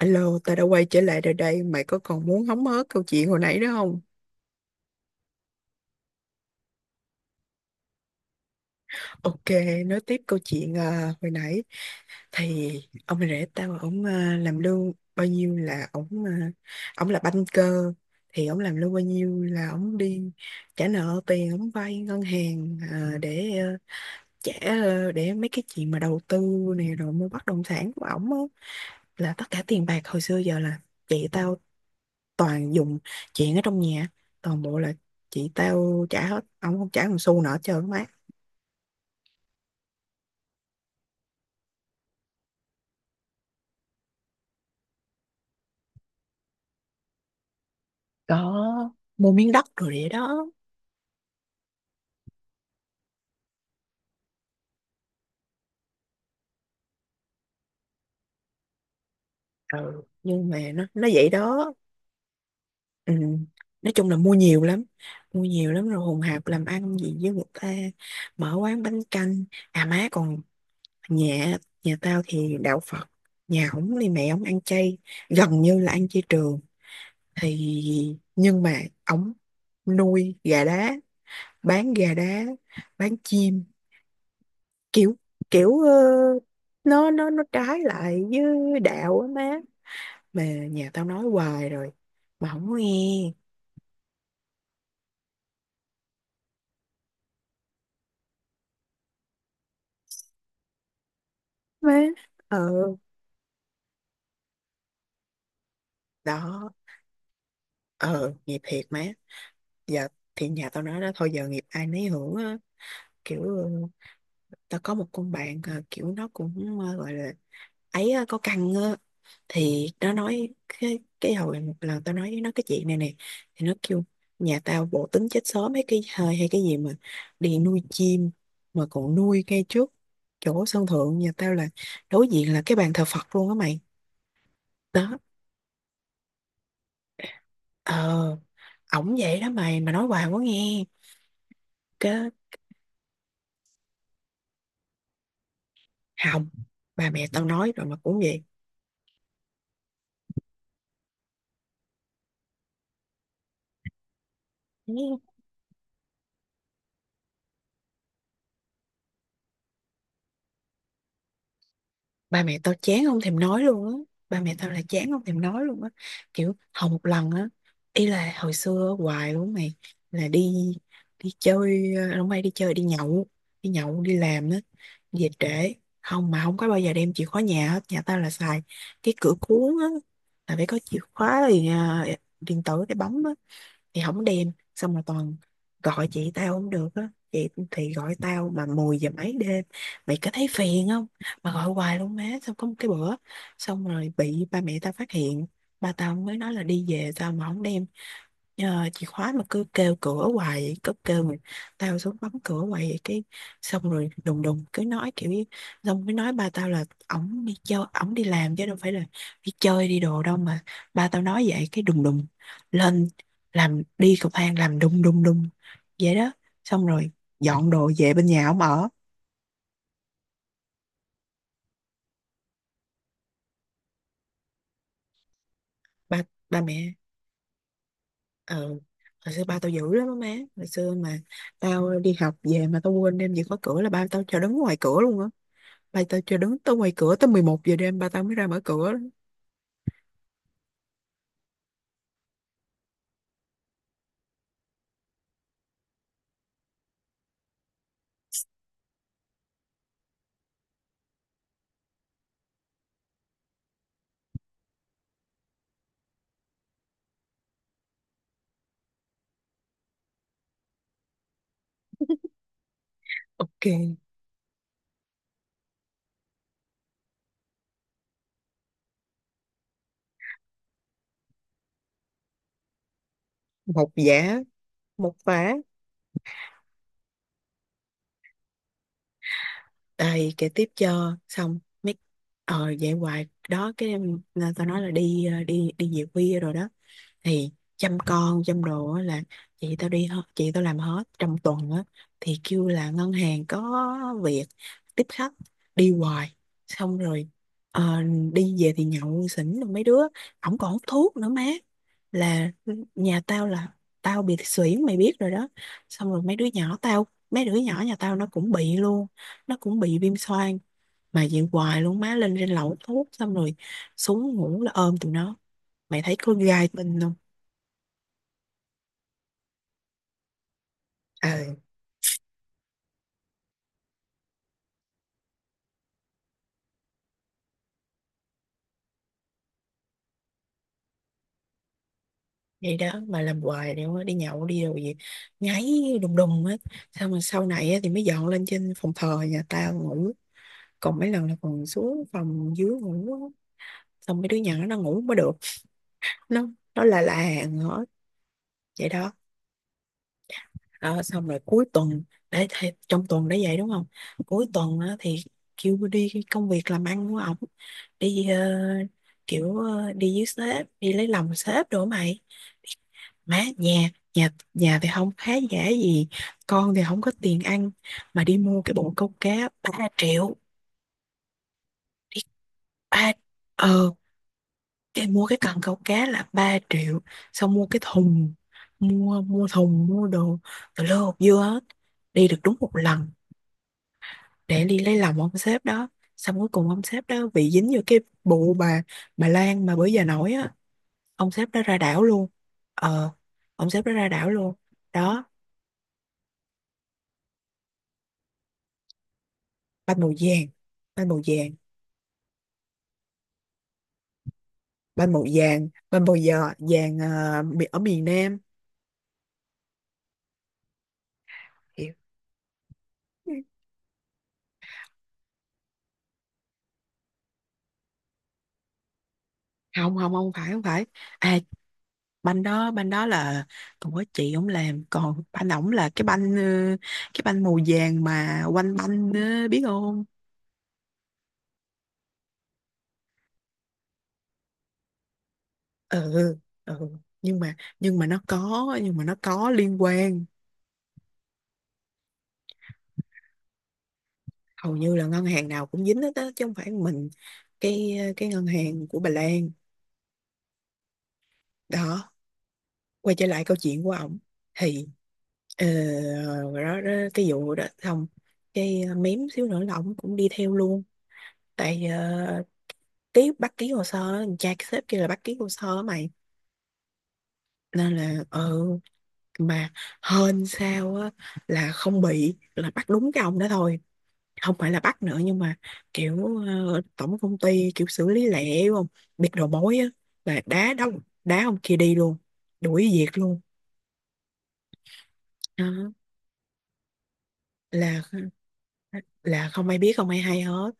Alo, tao đã quay trở lại rồi đây. Mày có còn muốn hóng hớt câu chuyện hồi nãy nữa không? Ok, nói tiếp câu chuyện à, hồi nãy. Thì ông rể tao, ông à, làm lương bao nhiêu là ông là banker. Thì ông làm lương bao nhiêu là ông đi trả nợ tiền, ông vay ngân hàng à, để à, trả à, để mấy cái chuyện mà đầu tư này rồi mua bất động sản của ổng á, là tất cả tiền bạc hồi xưa giờ là chị tao toàn dùng chuyện ở trong nhà, toàn bộ là chị tao trả hết, ông không trả một xu nào hết trơn á má. Mua miếng đất rồi vậy đó. Ừ nhưng mà nó vậy đó. Ừ. Nói chung là mua nhiều lắm, mua nhiều lắm, rồi hùng hạp làm ăn gì với người ta, mở quán bánh canh. À má còn nhà nhà tao thì đạo Phật, nhà ổng thì mẹ ổng ăn chay, gần như là ăn chay trường. Thì nhưng mà ổng nuôi gà đá, bán gà đá, bán chim, kiểu kiểu nó trái lại với đạo á má, mà nhà tao nói hoài rồi mà không có nghe má. Ờ đó. Ờ nghiệp thiệt má. Giờ thì nhà tao nói đó, thôi giờ nghiệp ai nấy hưởng á. Kiểu tao có một con bạn kiểu nó cũng gọi là ấy có căng á, thì nó nói cái hồi một lần tao nói với nó cái chuyện này nè, thì nó kêu nhà tao bộ tính chết sớm mấy cái hơi hay cái gì mà đi nuôi chim, mà còn nuôi ngay trước chỗ sân thượng nhà tao là đối diện là cái bàn thờ Phật luôn á mày. Đó. Ờ ổng vậy đó mày, mà nói hoài quá nghe. Cái hồng bà mẹ tao nói rồi mà cũng vậy. Ba mẹ tao chán không thèm nói luôn á. Ba mẹ tao là chán không thèm nói luôn á. Kiểu hầu một lần á, ý là hồi xưa hoài luôn mày, là đi, đi chơi không may đi chơi đi nhậu, đi nhậu đi làm á, về trễ, không mà không có bao giờ đem chìa khóa nhà hết. Nhà tao là xài cái cửa cuốn á, là phải có chìa khóa thì à, điện tử để bấm á, thì không đem, xong rồi toàn gọi chị tao không được á, chị thì gọi tao mà 10 giờ mấy đêm, mày có thấy phiền không, mà gọi hoài luôn má. Xong có một cái bữa xong rồi bị ba mẹ tao phát hiện, ba tao mới nói là đi về sao mà không đem Ờ, chìa khóa, mà cứ kêu cửa hoài vậy, cứ kêu mà tao xuống bấm cửa hoài vậy. Cái xong rồi đùng đùng cứ nói kiểu như- xong mới nói ba tao là ổng đi chơi ổng đi làm chứ đâu phải là đi chơi đi đồ đâu mà. Ba tao nói vậy cái đùng đùng lên, làm đi cầu thang làm đùng đùng đùng vậy đó. Xong rồi dọn đồ về bên nhà ổng ở. Ba ba mẹ ờ Hồi xưa ba tao dữ lắm á má, hồi xưa mà tao đi học về mà tao quên đem chìa khóa cửa là ba tao cho đứng ngoài cửa luôn á. Bà tao chờ đứng tới ngoài cửa tới 11 giờ đêm ba tao mới ra mở cửa. Ok, một giả, một phá. Đây, kể tiếp cho. Xong, mấy... Ờ, vậy hoài. Đó, cái em- nên tao nói là đi đi đi về khuya rồi đó. Thì chăm con chăm đồ á là chị tao đi hết, chị tao làm hết trong tuần á, thì kêu là ngân hàng có việc tiếp khách, đi hoài, xong rồi ờ, đi về thì nhậu xỉn rồi mấy đứa. Ổng còn hút thuốc nữa má, là nhà tao là tao bị xuyển mày biết rồi đó, xong rồi mấy đứa nhỏ tao, mấy đứa nhỏ nhà tao nó cũng bị luôn, nó cũng bị viêm xoang. Mà vậy hoài luôn má, lên trên lầu hút thuốc xong rồi xuống ngủ là ôm tụi nó, mày thấy có gai tinh không. Ừ vậy đó mà làm hoài, thì không đi nhậu đi rồi gì ngáy đùng đùng hết. Xong rồi sau này á, thì mới dọn lên trên phòng thờ nhà tao ngủ, còn mấy lần là còn xuống phòng dưới ngủ á. Xong mấy đứa nhỏ nó ngủ mới được, nó là hàng hết vậy đó. Ờ, xong rồi cuối tuần để thì, trong tuần đã vậy đúng không, cuối tuần á, thì kêu đi cái công việc làm ăn của ổng, đi kiểu đi với sếp, đi lấy lòng sếp đồ á mày. Má nhà nhà nhà thì không khá giả gì, con thì không có tiền ăn, mà đi mua cái bộ câu cá 3 triệu. Đi ba ờ cái mua cái cần câu cá là 3 triệu, xong mua cái thùng, mua mua thùng mua đồ, từ lô hộp dưa hết, đi được đúng một lần để đi lấy lòng ông sếp đó. Xong cuối cùng ông sếp đó bị dính vô cái bụ bà Lan mà bữa giờ nổi á, ông sếp đó ra đảo luôn. Ờ ông sếp đó ra đảo luôn. Đó bánh màu vàng, bánh màu vàng. Bánh màu vàng, bánh màu giờ vàng mi- ở miền Nam. Kiểu, không không không phải, không phải. À banh đó, là còn có chị ổng làm, còn banh ổng là cái banh cái banh màu vàng mà quanh banh biết không. Ừ. Ừ nhưng mà nó có, nhưng mà nó có liên quan. Hầu như là ngân hàng nào cũng dính hết á, chứ không phải mình cái ngân hàng của Bà Lan. Đó, quay trở lại câu chuyện của ổng. Thì ờ, rồi đó, đó cái vụ đó xong, cái mém xíu nữa là ổng cũng đi theo luôn. Tại ký, bắt ký hồ sơ á, cha cái sếp kia là bắt ký hồ sơ á mày. Nên là ừ, mà hên sao á là không bị, là bắt đúng cái ông đó thôi, không phải là bắt nữa. Nhưng mà kiểu tổng công ty kiểu xử lý lẹ đúng không, biết đầu mối á, là đá đóng đá ông kia đi luôn, đuổi việc luôn. Đó là là không ai biết, không ai hay hết.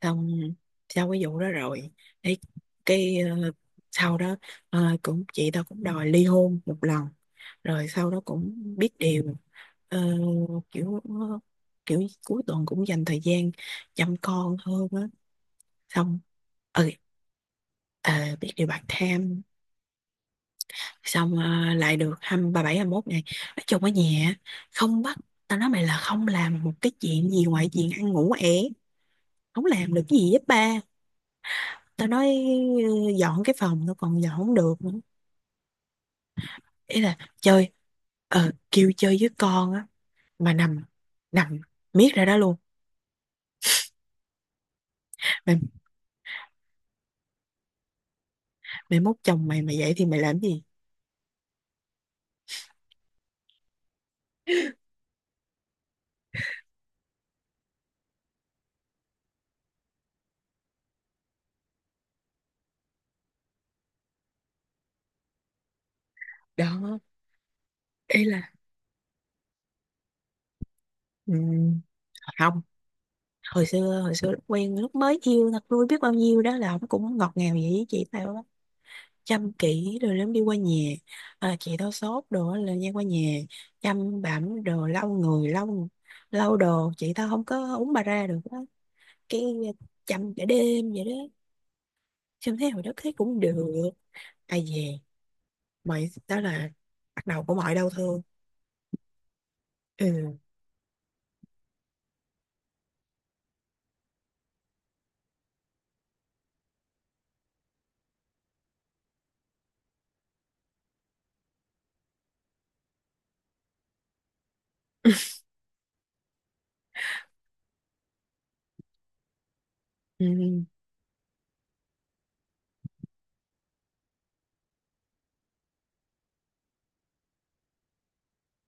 Xong sau cái vụ đó rồi cái, cái sau đó cũng chị tao cũng đòi ly hôn một lần, rồi sau đó cũng biết điều. Ờ, kiểu kiểu cuối tuần cũng dành thời gian chăm con hơn á, xong ừ ờ, biết điều bạc tham. Xong lại được hai ba bảy hai mốt ngày, nói chung ở nhà không bắt, tao nói mày là không làm một cái chuyện gì ngoài chuyện ăn ngủ ẻ, không làm được cái gì hết ba. Tao nói ừ, dọn cái phòng nó còn dọn không được nữa. Ý là chơi kêu chơi với con á, mà nằm nằm miết ra đó luôn mày. Mốt chồng mày mày vậy thì mày làm gì. Đó ý là ừm, không, hồi xưa lúc quen lúc mới yêu thật vui biết bao nhiêu đó, là ổng cũng ngọt ngào vậy với chị tao đó, chăm kỹ rồi lắm, đi qua nhà à, chị tao sốt đồ á là nha, qua nhà chăm bảm đồ lau người, lau lau đồ, chị tao không có uống bà ra được á. Cái ờ, chăm cả đêm vậy đó, chăm thấy hồi đó thấy cũng được. Ai về mày đó là bắt đầu của mọi đau thương. Ừ ừ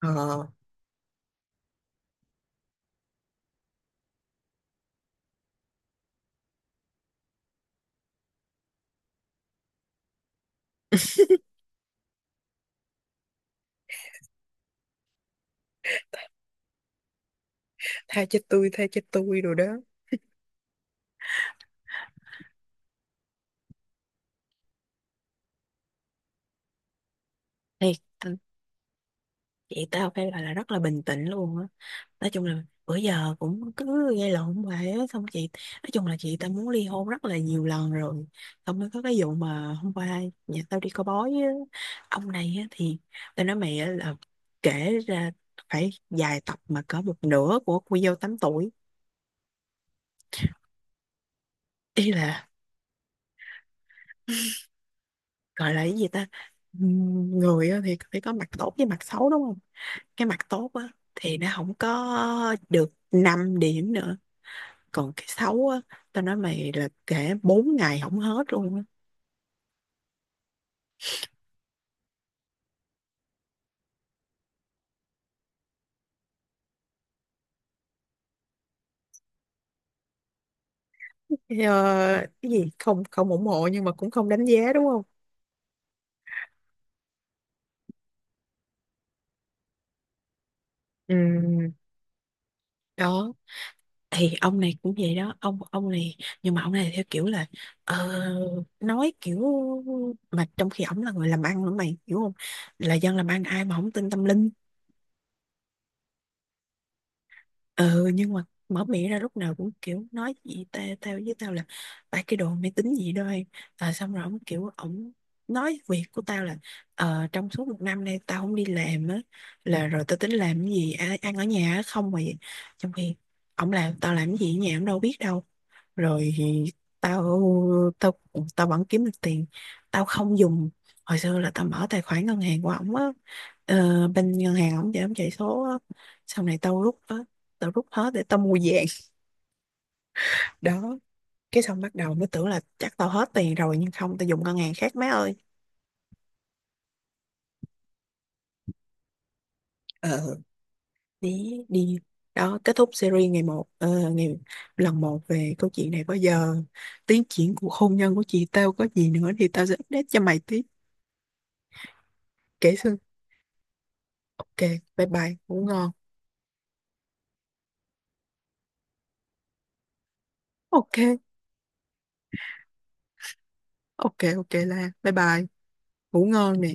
ờ tha cho tôi, tha cho tôi rồi đó. Thiệt ừ. Chị tao phải gọi là rất là bình tĩnh luôn á. Nói chung là bữa giờ cũng cứ gây lộn hoài á. Xong chị, nói chung là chị tao muốn ly hôn rất là nhiều lần rồi. Xong mới có cái vụ mà hôm qua nhà tao đi coi bói á. Ông này á thì tao nói mày á là kể ra phải dài tập mà cỡ một nửa của cô dâu 8 tuổi. Ý là gọi là cái gì ta? Người á thì phải có mặt tốt với mặt xấu đúng không? Cái mặt tốt á thì nó không có được 5 điểm nữa, còn cái xấu á, tao nói mày là kể 4 ngày không hết luôn á. Ờ, cái gì không, không ủng hộ nhưng mà cũng không đánh giá đúng không. Ừ đó, thì ông này cũng vậy đó, ông này nhưng mà ông này theo kiểu là ờ, nói kiểu, mà trong khi ổng là người làm ăn nữa mày hiểu không, là dân làm ăn ai mà không tin tâm linh. Ừ nhưng mà mở miệng ra lúc nào cũng kiểu nói gì ta, tao với tao là ba cái đồ máy tính gì đó em. À, xong rồi ông kiểu ổng nói việc của tao là trong suốt một năm nay tao không đi làm á, là rồi tao tính làm cái gì ăn, ăn ở nhà á không mà vậy. Trong khi ổng làm tao làm cái gì ở nhà ổng đâu biết đâu. Rồi thì tao tao tao vẫn kiếm được tiền, tao không dùng, hồi xưa là tao mở tài khoản ngân hàng của ổng á, bên ngân hàng ổng để ổng chạy số á. Sau này tao rút tao rút hết để tao mua vàng. Đó cái xong bắt đầu mới tưởng là chắc tao hết tiền rồi, nhưng không, tao dùng ngân hàng khác má ơi. Ờ đi đi, đó kết thúc series ngày một ngày lần một về câu chuyện này. Bao giờ tiến triển cuộc hôn nhân của chị tao có gì nữa thì tao sẽ update cho mày tiếp. Kể xưa. Ok bye bye ngủ ngon. Ok ok ok là bye bye, ngủ ngon nè.